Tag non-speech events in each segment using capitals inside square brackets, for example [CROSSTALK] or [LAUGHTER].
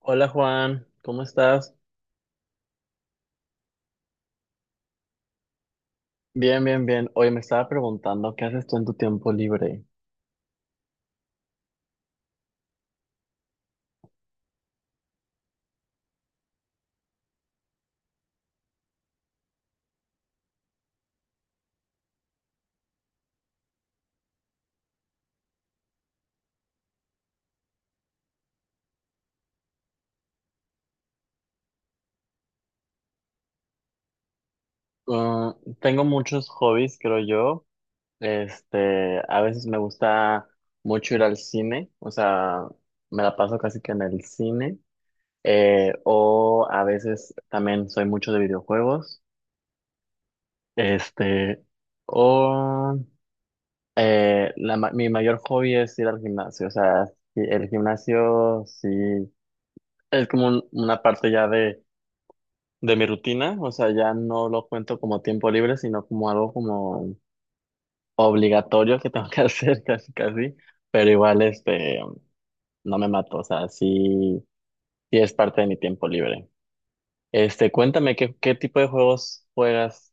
Hola Juan, ¿cómo estás? Bien, bien, bien. Oye, me estaba preguntando, ¿qué haces tú en tu tiempo libre? Ah, tengo muchos hobbies, creo yo. A veces me gusta mucho ir al cine, o sea, me la paso casi que en el cine. O a veces también soy mucho de videojuegos. Este, o La mi mayor hobby es ir al gimnasio, o sea, sí, el gimnasio sí es como una parte ya de mi rutina, o sea, ya no lo cuento como tiempo libre, sino como algo como obligatorio que tengo que [LAUGHS] hacer casi casi, pero igual no me mato, o sea, sí, sí es parte de mi tiempo libre. Cuéntame qué, qué tipo de juegos juegas.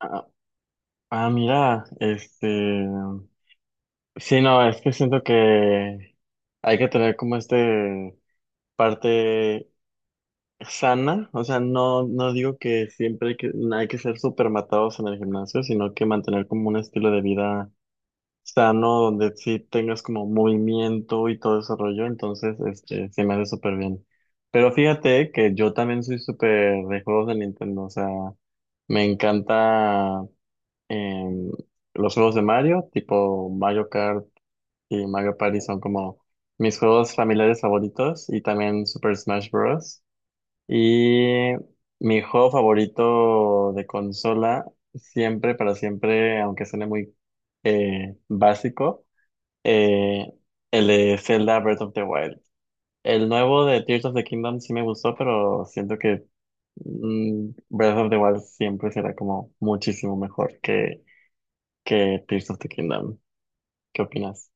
Ah, ah, mira, sí, no, es que siento que hay que tener como parte sana, o sea, no, no digo que siempre hay que ser súper matados en el gimnasio, sino que mantener como un estilo de vida sano, donde sí tengas como movimiento y todo ese rollo, entonces, se me hace súper bien. Pero fíjate que yo también soy súper de juegos de Nintendo, o sea, me encanta em, los juegos de Mario, tipo Mario Kart y Mario Party son como mis juegos familiares favoritos y también Super Smash Bros. Y mi juego favorito de consola, siempre, para siempre, aunque suene muy básico, eh, el de Zelda Breath of the Wild. El nuevo de Tears of the Kingdom sí me gustó, pero siento que Breath of the Wild siempre será como muchísimo mejor que Tears of the Kingdom. ¿Qué opinas?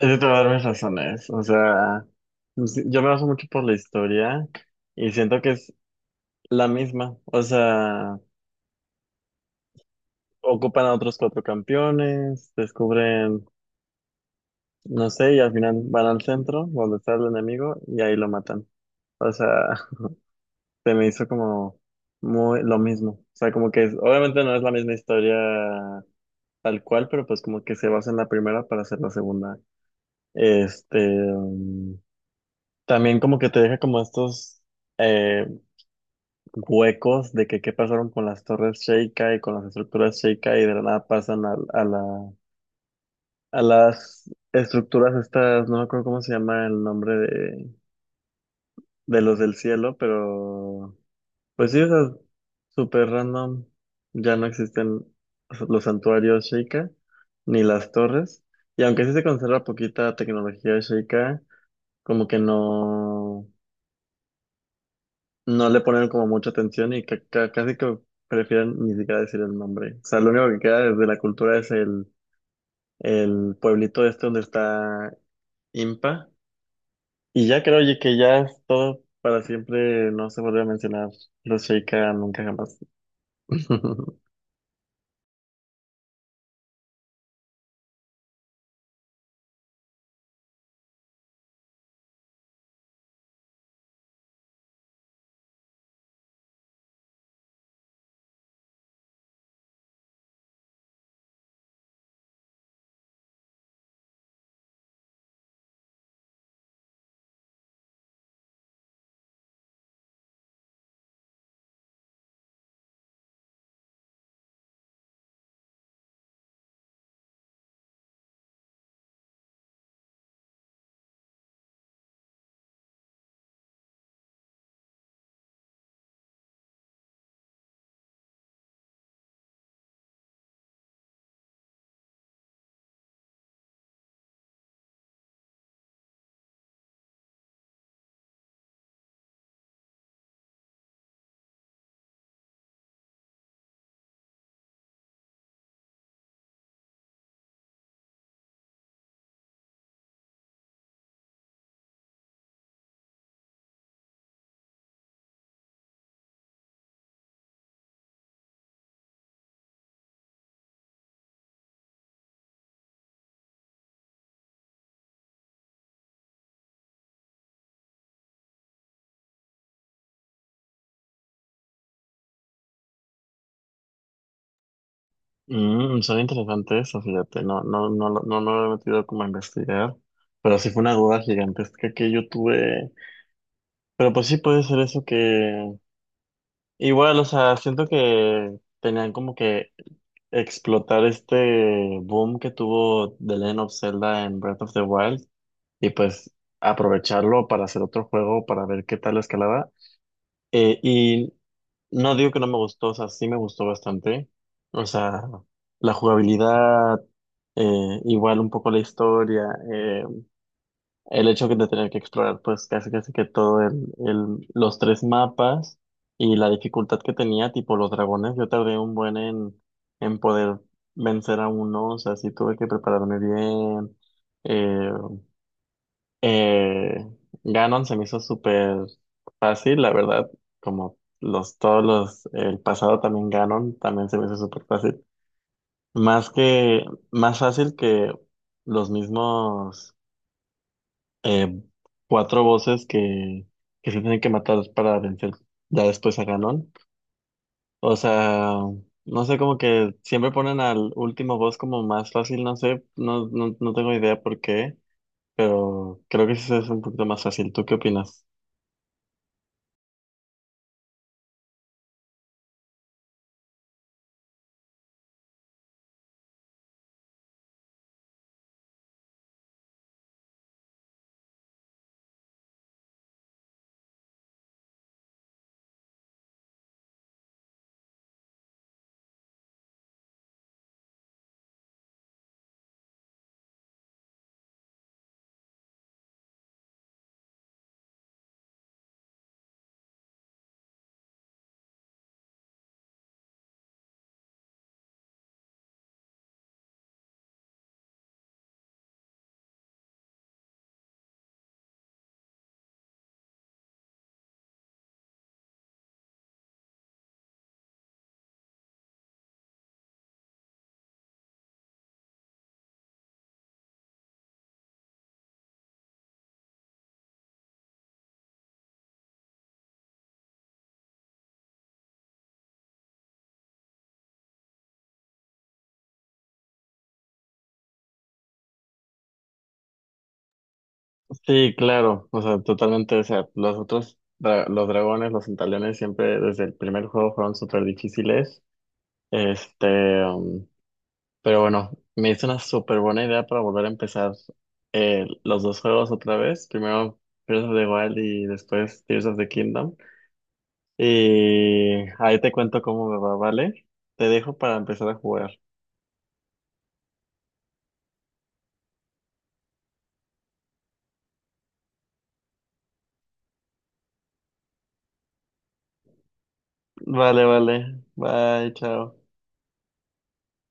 Yo te voy a dar mis razones. O sea, yo me baso mucho por la historia y siento que es la misma. O sea, ocupan a otros cuatro campeones, descubren, no sé, y al final van al centro donde está el enemigo y ahí lo matan. O sea, [LAUGHS] se me hizo como muy lo mismo. O sea, como que obviamente no es la misma historia tal cual, pero pues como que se basa en la primera para hacer la segunda. Este, mm, También como que te deja como estos eh, huecos de que qué pasaron con las torres Sheikah y con las estructuras Sheikah y de la nada pasan a la a las estructuras estas, no me acuerdo cómo se llama el nombre de los del cielo, pero pues sí, o sea, súper random. Ya no existen los santuarios Sheikah ni las torres. Y aunque sí se conserva poquita tecnología Sheikah, como que no, no le ponen como mucha atención y casi que prefieren ni siquiera decir el nombre. O sea, lo único que queda desde la cultura el pueblito este donde está Impa. Y ya creo oye, que ya es todo para siempre, no se vuelve a mencionar los Sheikah nunca jamás. [LAUGHS] Mm, son interesantes eso, fíjate, no, no, no, no, no lo he metido como a investigar, pero sí fue una duda gigantesca que yo tuve. Pero pues sí puede ser eso que, igual, o sea, siento que tenían como que explotar este boom que tuvo The Legend of Zelda en Breath of the Wild y pues aprovecharlo para hacer otro juego, para ver qué tal escalaba. Eh, y No digo que no me gustó, o sea, sí me gustó bastante. O sea, la jugabilidad, igual un poco la historia, eh, el hecho que de tener que explorar pues casi casi que todo los tres mapas y la dificultad que tenía, tipo los dragones, yo tardé un buen en poder vencer a uno, o sea, sí tuve que prepararme bien, eh, eh, Ganon se me hizo súper fácil, la verdad, como los todos los, el pasado también Ganon, también se me hizo súper fácil. Más que, más fácil que los mismos eh, cuatro voces que se tienen que matar para vencer ya después a Ganon. O sea, no sé, como que siempre ponen al último boss como más fácil, no sé, no, no, no tengo idea por qué, pero creo que sí es un poquito más fácil. ¿Tú qué opinas? Sí, claro, o sea, totalmente, o sea, los otros, los dragones, los centaleones siempre desde el primer juego fueron súper difíciles, este, um, pero bueno, me hizo una súper buena idea para volver a empezar los dos juegos otra vez, primero Breath of the Wild y después Tears of the Kingdom, y ahí te cuento cómo me va, ¿vale? Te dejo para empezar a jugar. Vale, vale, bye, chao.